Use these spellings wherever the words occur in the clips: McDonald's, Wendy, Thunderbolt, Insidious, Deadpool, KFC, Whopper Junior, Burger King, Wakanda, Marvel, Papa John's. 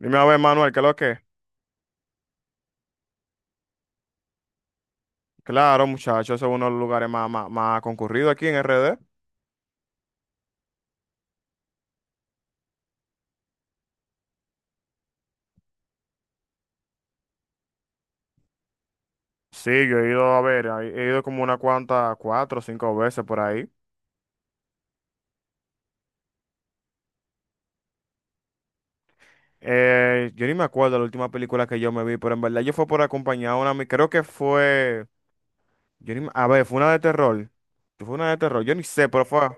Dime a ver, Manuel, ¿qué es lo que? Claro, muchachos, ese es uno de los lugares más concurridos aquí en RD. Sí, yo he ido a ver, he ido como una cuanta, 4 o 5 veces por ahí. Yo ni me acuerdo la última película que yo me vi, pero en verdad yo fue por acompañar a una, creo que fue, yo ni me- a ver, fue una de terror. Fue una de terror, yo ni sé, pero fue,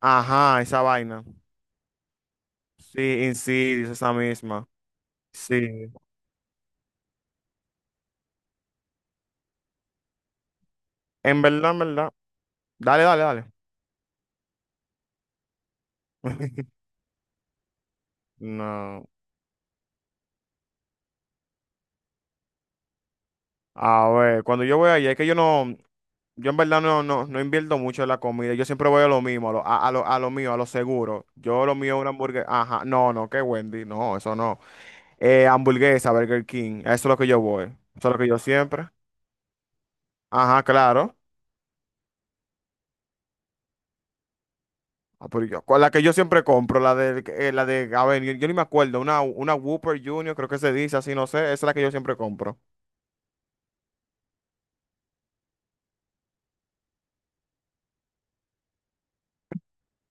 ajá, esa vaina. Sí, Insidious, esa misma. Sí. En verdad, en verdad. Dale, dale, dale. No. A ver, cuando yo voy allá, es que yo en verdad no invierto mucho en la comida, yo siempre voy a lo mismo, a lo mío, a lo seguro. Yo lo mío es una hamburguesa, ajá, no, que Wendy, no, eso no. Hamburguesa, Burger King, eso es lo que yo voy, eso es lo que yo siempre, ajá, claro. Ah, con la que yo siempre compro, a ver, yo ni me acuerdo, una Whopper Junior, creo que se dice así, no sé, esa es la que yo siempre compro.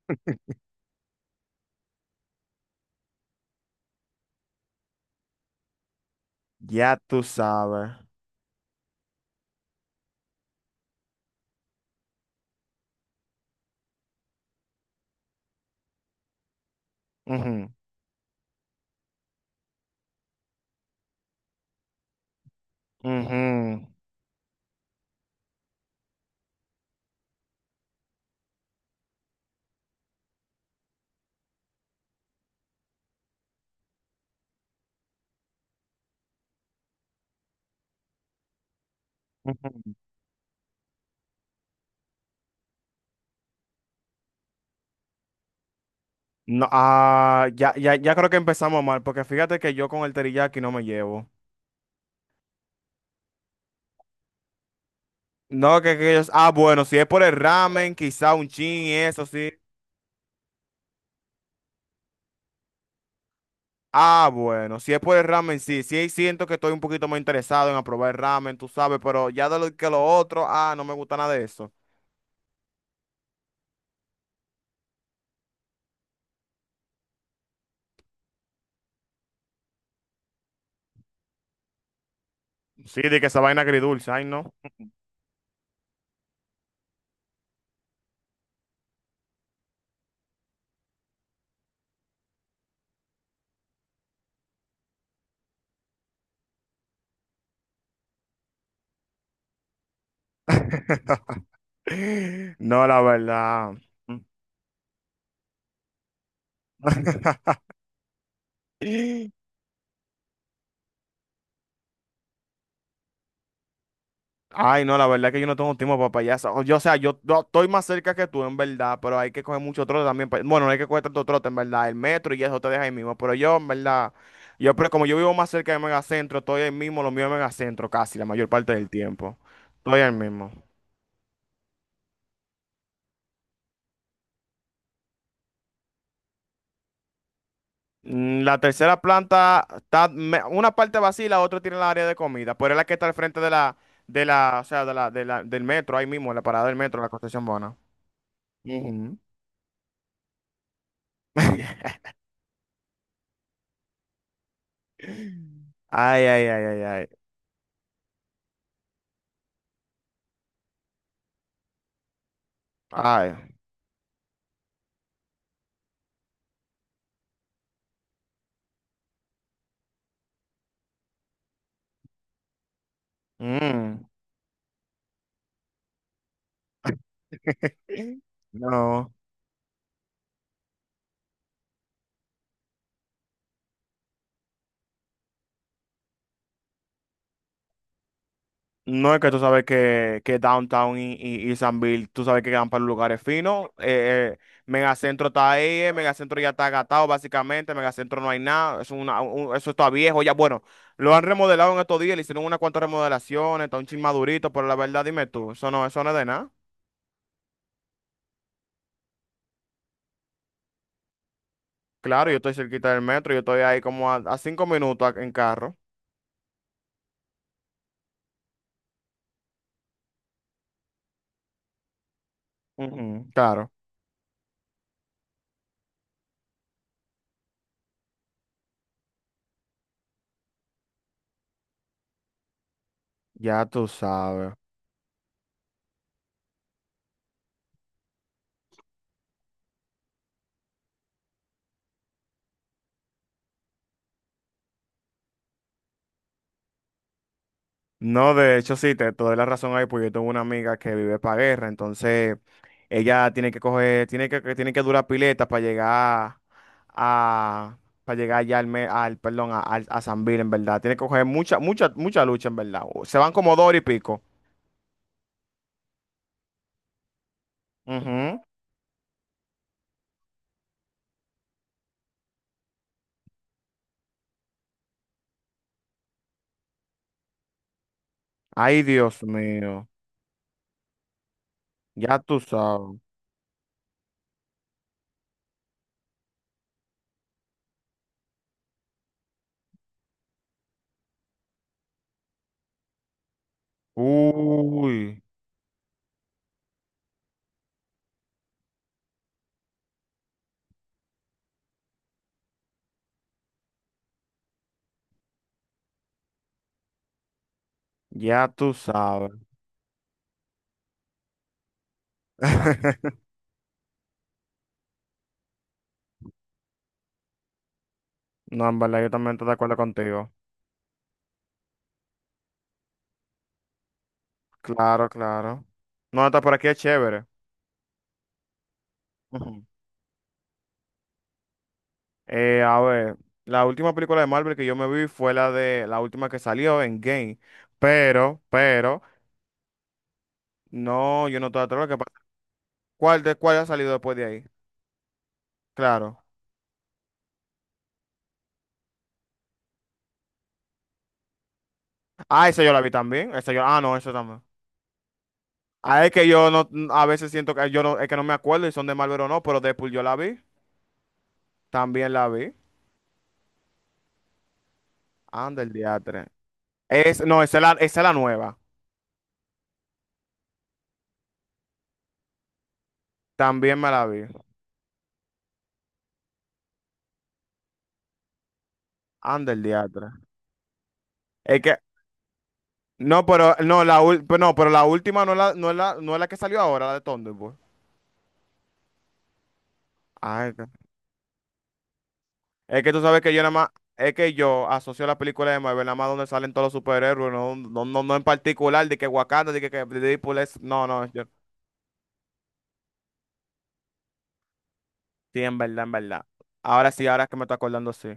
Ya tú sabes. Ujú, ujú, ujú. No, ya creo que empezamos mal, porque fíjate que yo con el teriyaki no me llevo. No, que ellos, ah, bueno, si es por el ramen, quizá un chin y eso sí. Ah, bueno, si es por el ramen, sí siento que estoy un poquito más interesado en aprobar el ramen, tú sabes, pero ya de lo que lo otro, ah, no me gusta nada de eso. Sí, de que esa vaina agridulce, ay, no. No, la verdad. Ay, no, la verdad es que yo no tengo tiempo para payasa. O sea, yo estoy más cerca que tú, en verdad, pero hay que coger mucho trote también. Bueno, no hay que coger tanto trote, en verdad. El metro y eso te deja ahí mismo. Pero yo, en verdad, pero como yo vivo más cerca del megacentro, estoy ahí mismo, lo mío es megacentro casi, la mayor parte del tiempo. Estoy ahí mismo. La tercera planta está, una parte vacía y la otra tiene la área de comida, pero es la que está al frente de la, de la, del metro, ahí mismo, en la parada del metro, en la Concepción Bona. Ujú. Ay, ay, ay, ay, ay. Ay. Mm, no. No es que tú sabes que Downtown y Sanville, tú sabes que quedan para los lugares finos. Megacentro está ahí, Megacentro ya está agatado básicamente, Megacentro no hay nada, es una, eso está viejo ya. Bueno, lo han remodelado en estos días, le hicieron unas cuantas remodelaciones, está un chin madurito, pero la verdad dime tú, eso no es de nada. Claro, yo estoy cerquita del metro, yo estoy ahí como a 5 minutos en carro. Ujú, claro, ya tú sabes. No, de hecho sí, te doy la razón ahí. Pues yo tengo una amiga que vive para guerra, entonces ella tiene que coger, que tiene que durar pileta para llegar a, para llegar ya al, me- al perdón, a, al- a San Bill, en verdad. Tiene que coger mucha lucha, en verdad. Se van como 2 horas y pico. Ujú. Ay, Dios mío, ya tú sabes. Uy, ya tú sabes. No, en verdad, yo también estoy de acuerdo contigo. Claro, claro. No, está por aquí es chévere. Ujú. A ver, la última película de Marvel que yo me vi fue la de la última que salió en Game, pero, no, yo no estoy atrás. ¿Qué pasa? ¿Cuál de cuál ha salido después de ahí? Claro. Ah, esa yo la vi también. Esa yo, ah, no, esa también. Ah, es que yo no, a veces siento que yo no, es que no me acuerdo si son de Marvel o no, pero Deadpool yo la vi. También la vi. Anda el diatre. Es, no, esa es la nueva. También me la vi. Anda el diatre. Es que, no, pero, no, pero no, pero la última no, es la, no, es la, no es la que salió ahora, la de Thunderbolt. Ay, ca- es que tú sabes que yo nada más, es que yo asocio la película de Marvel nada más donde salen todos los superhéroes, no en particular, de que Wakanda, de que Deadpool es, no, yo, sí, en verdad, en verdad. Ahora sí, ahora es que me estoy acordando, sí.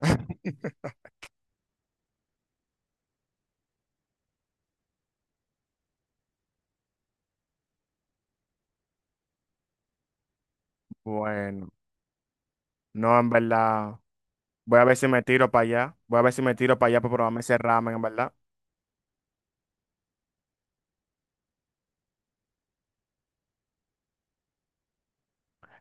Bueno, no, en verdad, voy a ver si me tiro para allá, voy a ver si me tiro para allá para probarme ese ramen, en verdad.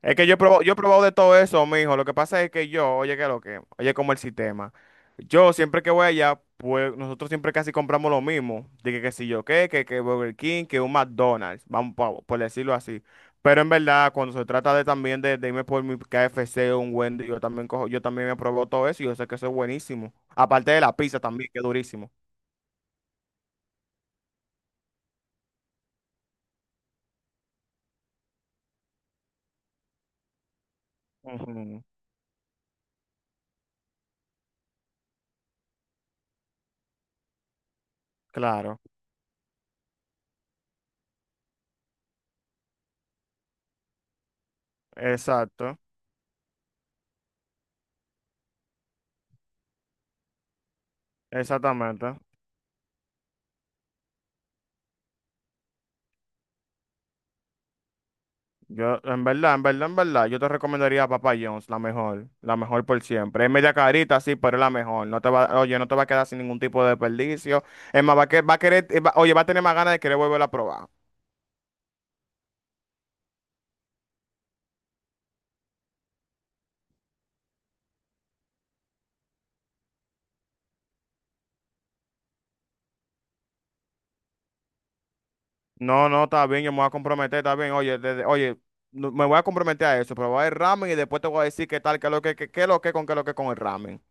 Es que yo he probado de todo eso, mijo. Lo que pasa es que yo, oye, que lo que, oye, como el sistema. Yo siempre que voy allá, pues nosotros siempre casi compramos lo mismo. Dije que si yo qué, que Burger King, que un McDonald's, por decirlo así. Pero en verdad, cuando se trata de también de irme por mi KFC o un Wendy, yo también cojo, yo también me probado todo eso y yo sé que eso es buenísimo. Aparte de la pizza también, que es durísimo. Ujú, Claro, exacto, exactamente. Yo, en verdad, yo te recomendaría a Papa John's, la mejor por siempre. Es media carita, sí, pero es la mejor. No te va, oye, no te va a quedar sin ningún tipo de desperdicio. Es más, va a querer, oye, va a tener más ganas de querer volver a probar. No, no, está bien, yo me voy a comprometer, está bien. Oye, me voy a comprometer a eso, probar el ramen y después te voy a decir qué tal, qué lo que, con qué lo que con el ramen.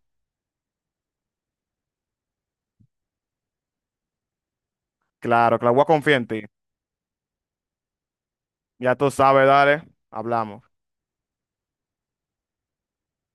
Claro, claro, voy a confiar en ti. Ya tú sabes, dale, hablamos.